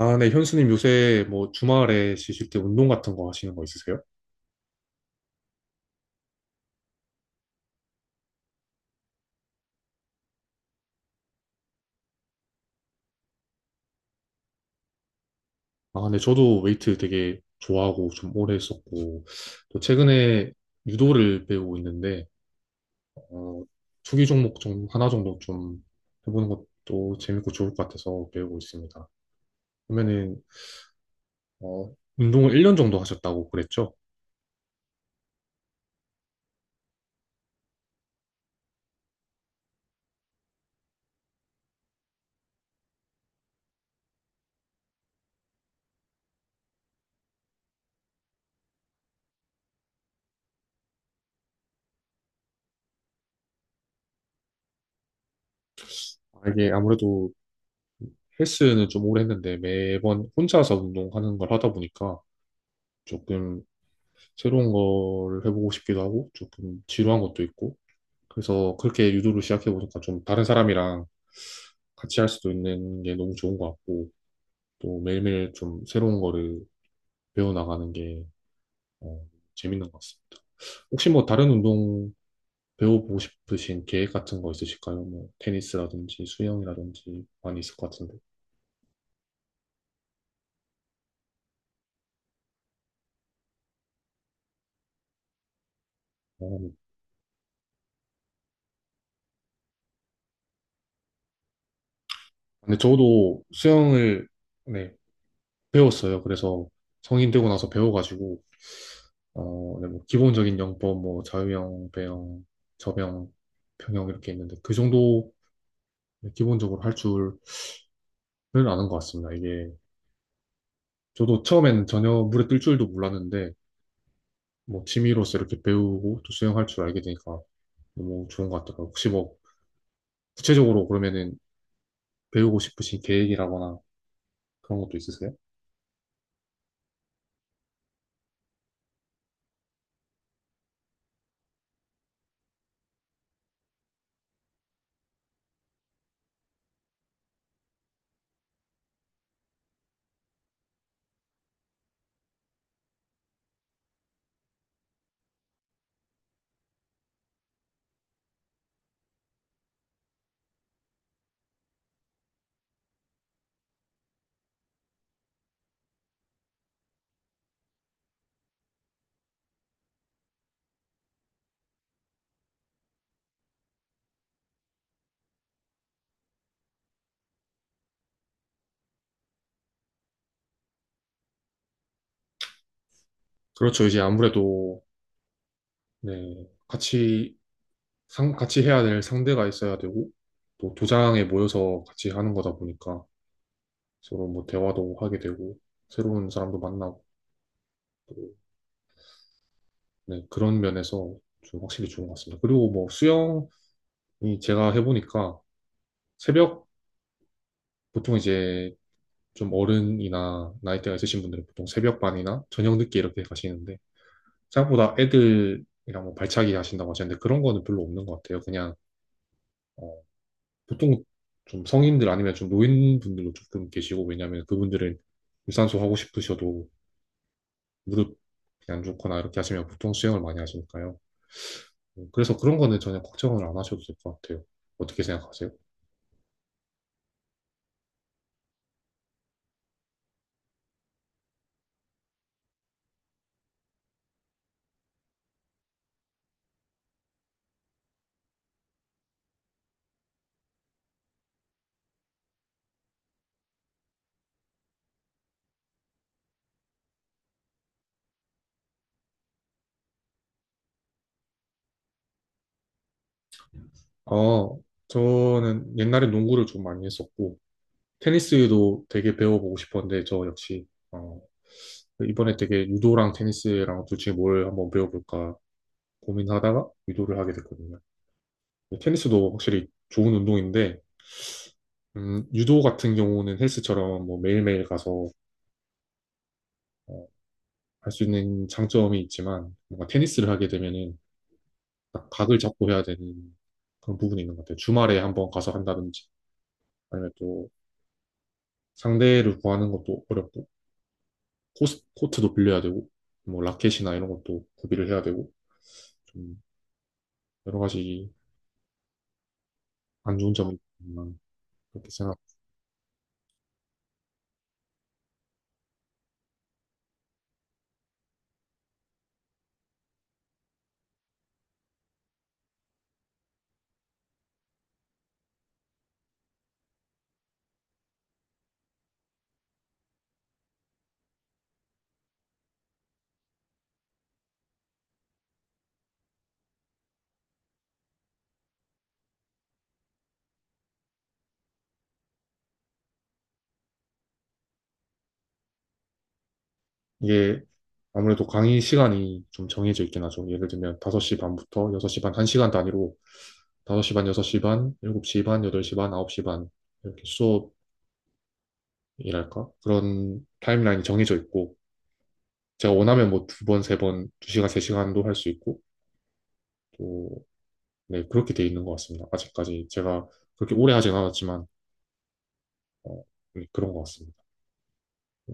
아, 네, 현수님 요새 뭐 주말에 쉬실 때 운동 같은 거 하시는 거 있으세요? 아, 네, 저도 웨이트 되게 좋아하고 좀 오래 했었고, 또 최근에 유도를 배우고 있는데, 어, 투기 종목 좀 하나 정도 좀 해보는 것도 재밌고 좋을 것 같아서 배우고 있습니다. 그러면은, 운동을 1년 정도 하셨다고 그랬죠? 아, 이게 아무래도 헬스는 좀 오래 했는데 매번 혼자서 운동하는 걸 하다 보니까 조금 새로운 걸 해보고 싶기도 하고 조금 지루한 것도 있고 그래서 그렇게 유도를 시작해보니까 좀 다른 사람이랑 같이 할 수도 있는 게 너무 좋은 것 같고 또 매일매일 좀 새로운 거를 배워나가는 게 어, 재밌는 것 같습니다. 혹시 뭐 다른 운동 배워보고 싶으신 계획 같은 거 있으실까요? 뭐 테니스라든지 수영이라든지 많이 있을 것 같은데. 어, 근데 저도 수영을 네, 배웠어요. 그래서 성인 되고 나서 배워가지고 네, 뭐 기본적인 영법, 뭐 자유형, 배형, 저병, 평형 이렇게 있는데 그 정도 기본적으로 할 줄은 아는 것 같습니다. 이게 저도 처음엔 전혀 물에 뜰 줄도 몰랐는데 뭐 취미로서 이렇게 배우고 또 수영할 줄 알게 되니까 너무 좋은 것 같더라고요. 혹시 뭐 구체적으로 그러면은 배우고 싶으신 계획이라거나 그런 것도 있으세요? 그렇죠. 이제 아무래도 네, 같이 같이 해야 될 상대가 있어야 되고, 또 도장에 모여서 같이 하는 거다 보니까 서로 뭐 대화도 하게 되고, 새로운 사람도 만나고, 또, 네, 그런 면에서 좀 확실히 좋은 것 같습니다. 그리고 뭐 수영이 제가 해보니까 새벽, 보통 이제 좀 어른이나 나이대가 있으신 분들은 보통 새벽반이나 저녁 늦게 이렇게 가시는데, 생각보다 애들이랑 뭐 발차기 하신다고 하셨는데 그런 거는 별로 없는 것 같아요. 그냥 어, 보통 좀 성인들 아니면 좀 노인분들도 조금 계시고 왜냐하면 그분들은 유산소 하고 싶으셔도 무릎이 안 좋거나 이렇게 하시면 보통 수영을 많이 하시니까요. 그래서 그런 거는 전혀 걱정을 안 하셔도 될 것 같아요. 어떻게 생각하세요? 어, 저는 옛날에 농구를 좀 많이 했었고 테니스도 되게 배워보고 싶었는데 저 역시 이번에 되게 유도랑 테니스랑 둘 중에 뭘 한번 배워볼까 고민하다가 유도를 하게 됐거든요. 테니스도 확실히 좋은 운동인데 유도 같은 경우는 헬스처럼 뭐 매일매일 가서 어, 할수 있는 장점이 있지만 뭔가 테니스를 하게 되면은 딱 각을 잡고 해야 되는 그런 부분이 있는 것 같아요. 주말에 한번 가서 한다든지 아니면 또 상대를 구하는 것도 어렵고 코트도 빌려야 되고 뭐 라켓이나 이런 것도 구비를 해야 되고 좀 여러 가지 안 좋은 점이 있지만 그렇게 생각. 이게 아무래도 강의 시간이 좀 정해져 있긴 하죠. 예를 들면 5시 반부터 6시 반 1시간 단위로 5시 반, 6시 반, 7시 반, 8시 반, 9시 반 이렇게 수업이랄까? 그런 타임라인이 정해져 있고 제가 원하면 뭐 두 번, 세 번, 두 시간, 세 시간도 할 수 있고 또, 네, 그렇게 돼 있는 것 같습니다. 아직까지 제가 그렇게 오래 하진 않았지만 어, 네, 그런 것 같습니다.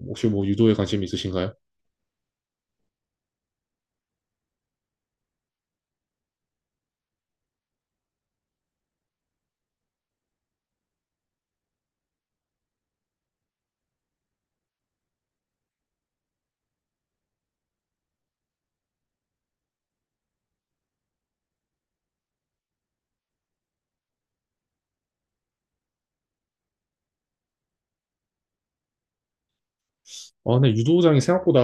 혹시 뭐 유도에 관심이 있으신가요? 아, 네, 유도장이 생각보다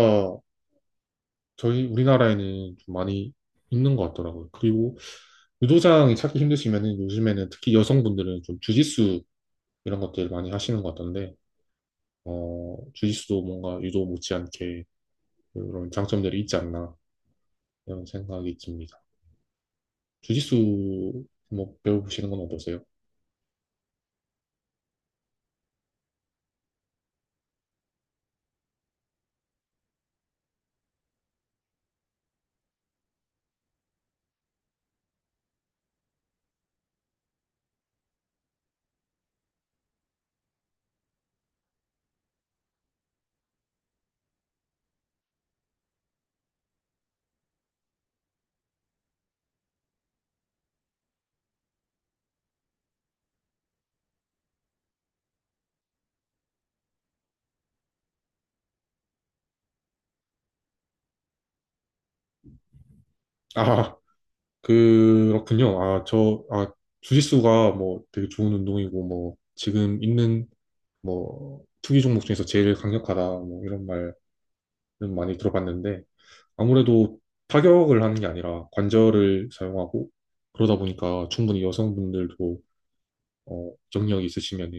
저희 우리나라에는 좀 많이 있는 것 같더라고요. 그리고 유도장이 찾기 힘드시면은 요즘에는 특히 여성분들은 좀 주짓수 이런 것들 많이 하시는 것 같던데 주짓수도 뭔가 유도 못지않게 그런 장점들이 있지 않나 이런 생각이 듭니다. 주짓수 뭐 배워보시는 건 어떠세요? 아, 그렇군요. 아, 주짓수가 뭐 되게 좋은 운동이고 뭐 지금 있는 뭐 투기 종목 중에서 제일 강력하다 뭐 이런 말은 많이 들어봤는데 아무래도 타격을 하는 게 아니라 관절을 사용하고 그러다 보니까 충분히 여성분들도 경력이 있으시면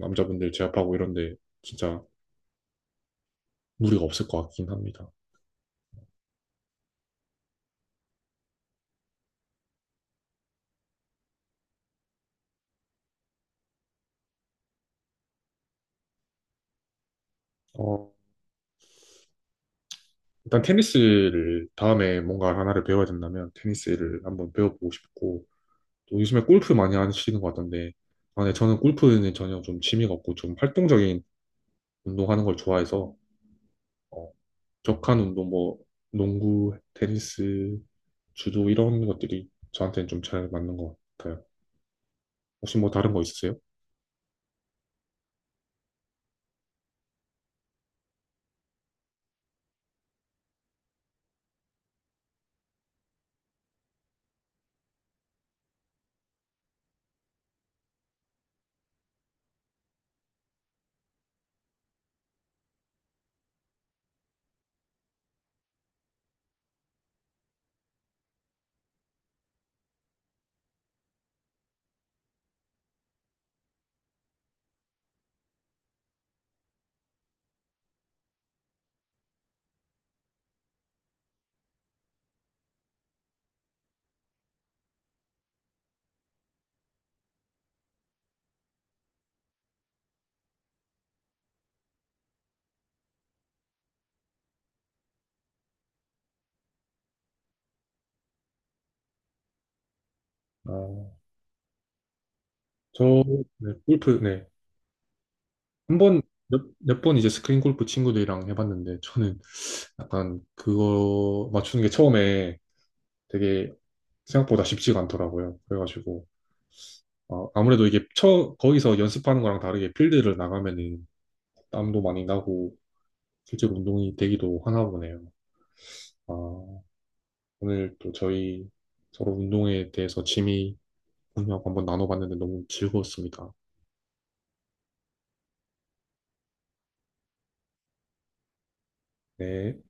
남자분들 제압하고 이런데 진짜 무리가 없을 것 같긴 합니다. 어, 일단 테니스를 다음에 뭔가 하나를 배워야 된다면 테니스를 한번 배워보고 싶고 또 요즘에 골프 많이 하시는 것 같던데 아, 네, 저는 골프는 전혀 좀 취미가 없고 좀 활동적인 운동하는 걸 좋아해서 어, 격한 운동 뭐 농구, 테니스, 주도 이런 것들이 저한테는 좀 잘 맞는 것 같아요. 혹시 뭐 다른 거 있으세요? 아, 저 네, 골프 네. 한 번, 몇 번 이제 스크린 골프 친구들이랑 해봤는데, 저는 약간 그거 맞추는 게 처음에 되게 생각보다 쉽지가 않더라고요. 그래가지고, 아무래도 이게 거기서 연습하는 거랑 다르게 필드를 나가면은 땀도 많이 나고, 실제로 운동이 되기도 하나 보네요. 아, 오늘 또 저희 서로 운동에 대해서 취미 공유하고 한번 나눠봤는데 너무 즐거웠습니다. 네.